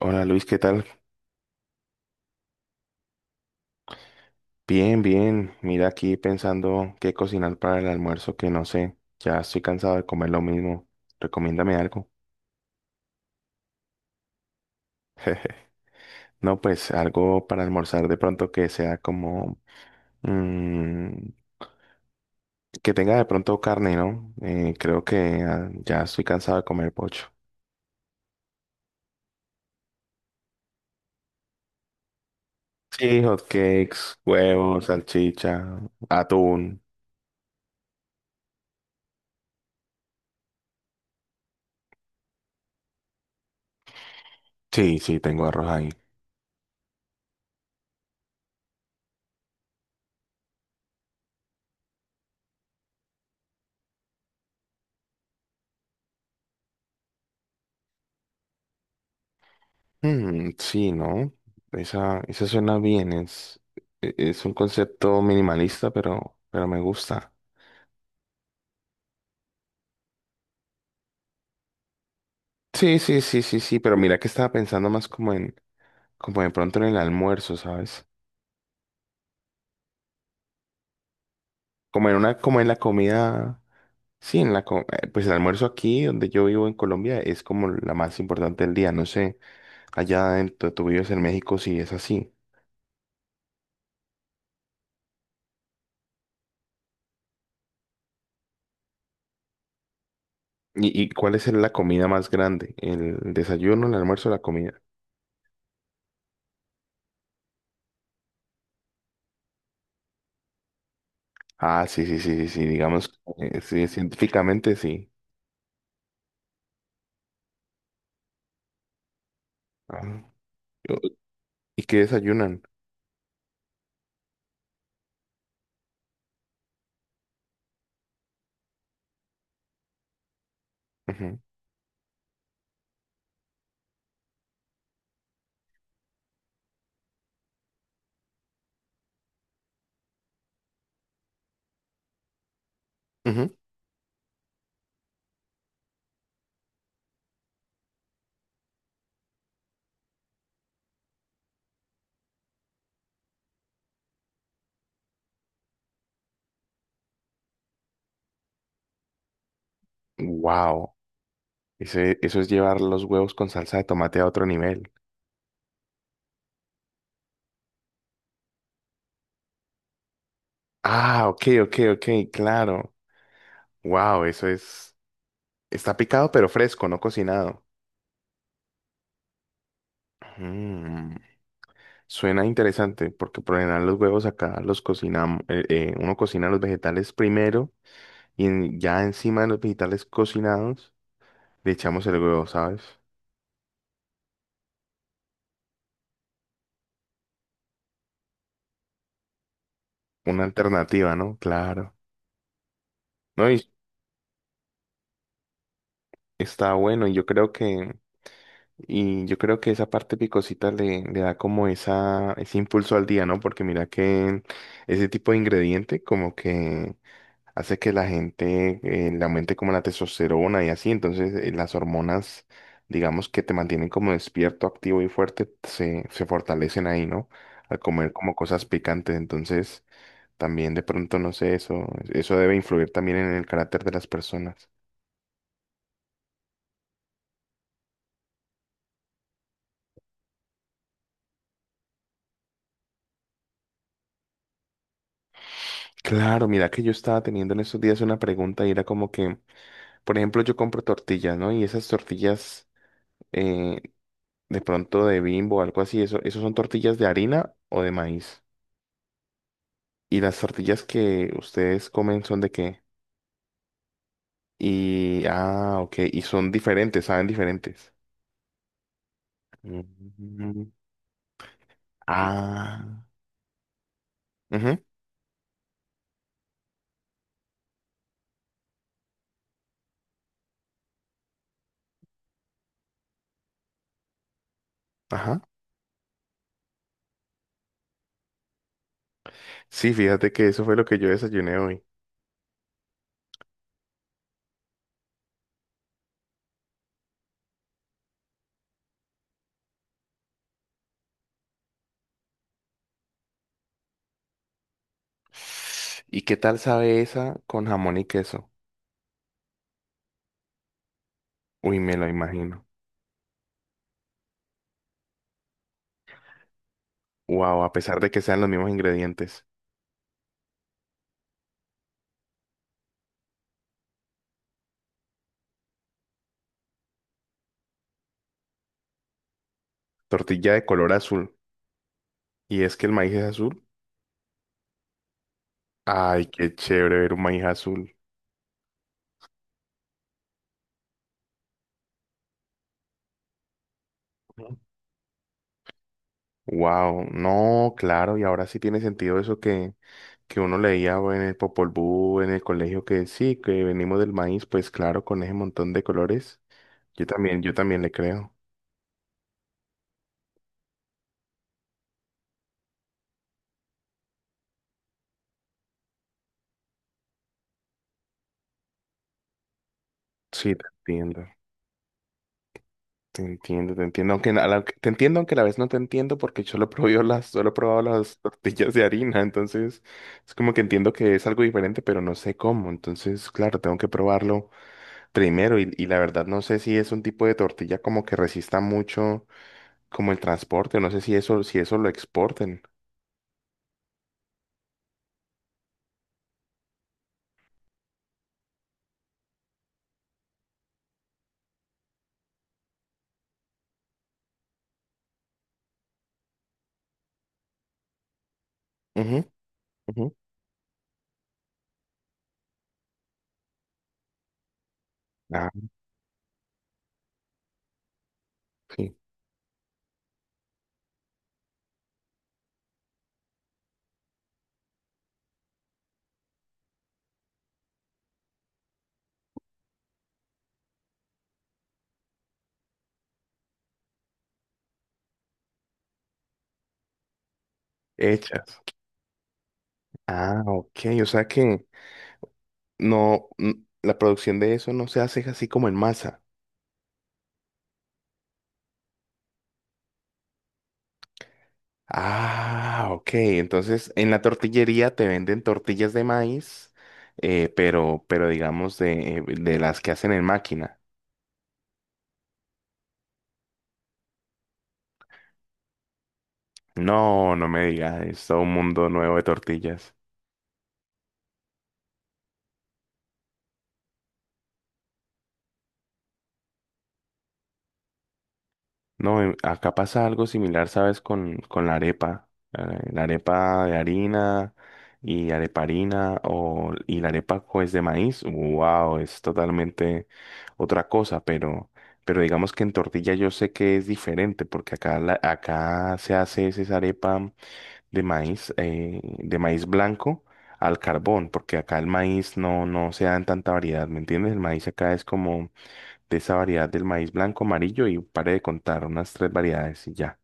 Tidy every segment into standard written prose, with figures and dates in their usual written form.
Hola Luis, ¿qué tal? Bien, bien. Mira, aquí pensando qué cocinar para el almuerzo, que no sé. Ya estoy cansado de comer lo mismo. Recomiéndame algo. No, pues algo para almorzar de pronto que sea como mm, que tenga de pronto carne, ¿no? Creo que ya estoy cansado de comer pocho. Sí, hotcakes, huevos, salchicha, atún. Sí, sí, tengo arroz ahí. Mm, sí, ¿no? Esa suena bien, es, es un concepto minimalista, pero me gusta. Sí, sí, sí, sí, sí, pero mira que estaba pensando más como en, como de pronto en el almuerzo, ¿sabes? Como en una, como en la comida, sí, en la, pues el almuerzo aquí donde yo vivo en Colombia es como la más importante del día, no sé, allá en tú vives en México, si es así. Y cuál es la comida más grande? ¿El desayuno, el almuerzo, la comida? Ah, sí, sí, sí, sí, sí, digamos, sí, científicamente sí. Ajá. Yo- ¿Y qué desayunan? Ujú, ujú. Wow, ese, eso es llevar los huevos con salsa de tomate a otro nivel. Ah, ok, ok, ok, claro. Wow, eso es, está picado pero fresco, no cocinado. Mm, suena interesante porque por lo general los huevos acá los cocinamos, uno cocina los vegetales primero y ya encima de los vegetales cocinados le echamos el huevo, ¿sabes? Una alternativa, ¿no? Claro. No, y está bueno, y yo creo que, y yo creo que esa parte picosita le, le da como esa, ese impulso al día, ¿no? Porque mira que ese tipo de ingrediente como que hace que la gente le aumente como la testosterona y así, entonces las hormonas, digamos, que te mantienen como despierto, activo y fuerte, se fortalecen ahí, ¿no?, al comer como cosas picantes, entonces... También de pronto, no sé, eso debe influir también en el carácter de las personas. Claro, mira que yo estaba teniendo en estos días una pregunta, y era como que, por ejemplo, yo compro tortillas, ¿no? Y esas tortillas eh, de pronto de Bimbo o algo así, eso, ¿eso son tortillas de harina o de maíz? Y las tortillas que ustedes comen, ¿son de qué? Y, ah, ok, y son diferentes, saben diferentes. Mm, ah, ujú, ajá. Sí, fíjate que eso fue lo que yo desayuné hoy. ¿Y qué tal sabe esa con jamón y queso? Uy, me lo imagino. Wow, a pesar de que sean los mismos ingredientes. Tortilla de color azul. ¿Y es que el maíz es azul? Ay, qué chévere ver un maíz azul. Wow, no, claro, y ahora sí tiene sentido eso que uno leía en el Popol Vuh, en el colegio, que sí, que venimos del maíz, pues claro, con ese montón de colores. Yo también le creo. Sí, te entiendo. Te entiendo, te entiendo, aunque te entiendo, aunque a la vez no te entiendo porque yo lo he probado las, solo he probado las tortillas de harina, entonces es como que entiendo que es algo diferente, pero no sé cómo, entonces claro, tengo que probarlo primero y la verdad no sé si es un tipo de tortilla como que resista mucho como el transporte, no sé si eso, si eso lo exporten. Ujú, ujú. Ah, sí. Hechas. Ah, ok, o sea que no, la producción de eso no se hace así como en masa. Ah, ok. Entonces, en la tortillería te venden tortillas de maíz, pero digamos de las que hacen en máquina. No, no me digas, es todo un mundo nuevo de tortillas. No, acá pasa algo similar, ¿sabes? Con la arepa. eh, La arepa de harina y areparina o, y la arepa pues de maíz. Wow, es totalmente otra cosa, pero digamos que en tortilla yo sé que es diferente porque acá, acá se hace es esa arepa de maíz blanco al carbón, porque acá el maíz no, no se da en tanta variedad, ¿me entiendes? El maíz acá es como de esa variedad del maíz blanco, amarillo, y pare de contar unas tres variedades y ya.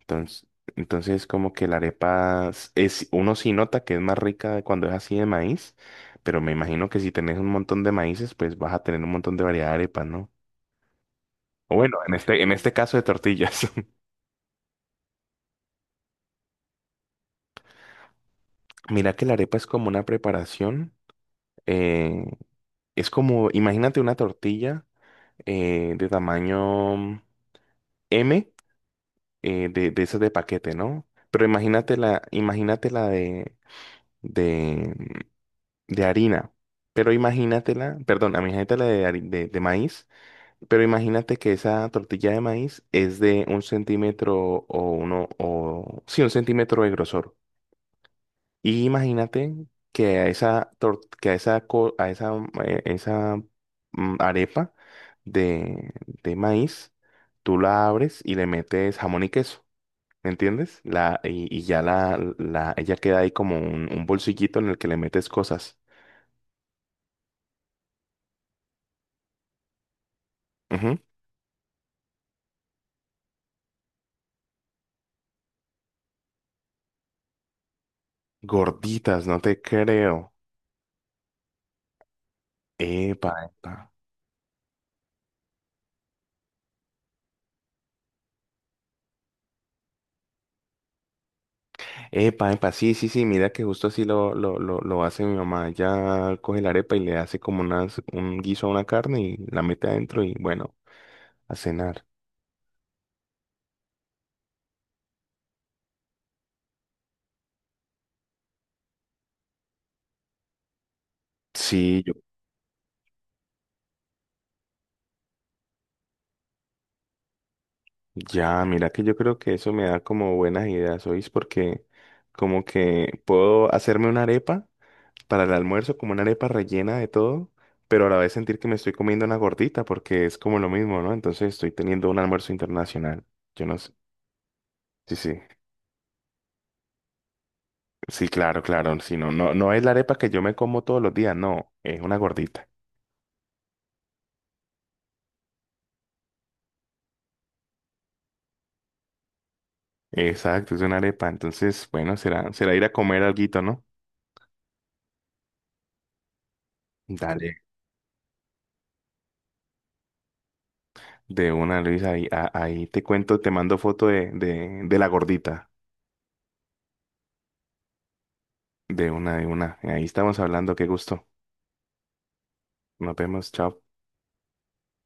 Entonces, entonces como que la arepa es, uno sí nota que es más rica cuando es así de maíz, pero me imagino que si tenés un montón de maíces, pues vas a tener un montón de variedad de arepas, ¿no? O bueno, en este caso, de tortillas. Mira que la arepa es como una preparación, eh, es como, imagínate una tortilla de tamaño M, de esas de paquete, ¿no? Pero imagínate la de, de harina. Pero imagínatela, perdón, imagínatela de, de maíz, pero imagínate que esa tortilla de maíz es de un centímetro o uno, o sí, un centímetro de grosor. Y imagínate que a esa, que a esa, a esa, esa arepa de, de maíz, tú la abres y le metes jamón y queso. ¿Me entiendes? La, y ya la, ella queda ahí como un bolsillito en el que le metes cosas. Ujú. Gorditas, no te creo. Epa, epa. Epa, epa, sí, sí, sí, mira que justo así lo hace mi mamá. Ella coge la arepa y le hace como unas, un guiso a una carne y la mete adentro y bueno, a cenar. Sí, yo, ya, mira que yo creo que eso me da como buenas ideas, ¿oís? Porque como que puedo hacerme una arepa para el almuerzo, como una arepa rellena de todo, pero a la vez sentir que me estoy comiendo una gordita porque es como lo mismo, ¿no? Entonces estoy teniendo un almuerzo internacional. Yo no sé. Sí, sí. Sí, claro, claro. Sí, no, no, no es la arepa que yo me como todos los días, no, es una gordita. Exacto, es una arepa. Entonces, bueno, será, será ir a comer alguito, ¿no? Dale. De una, Luis, ahí, ahí te cuento, te mando foto de la gordita. De una, de una. Ahí estamos hablando, qué gusto. Nos vemos, chao.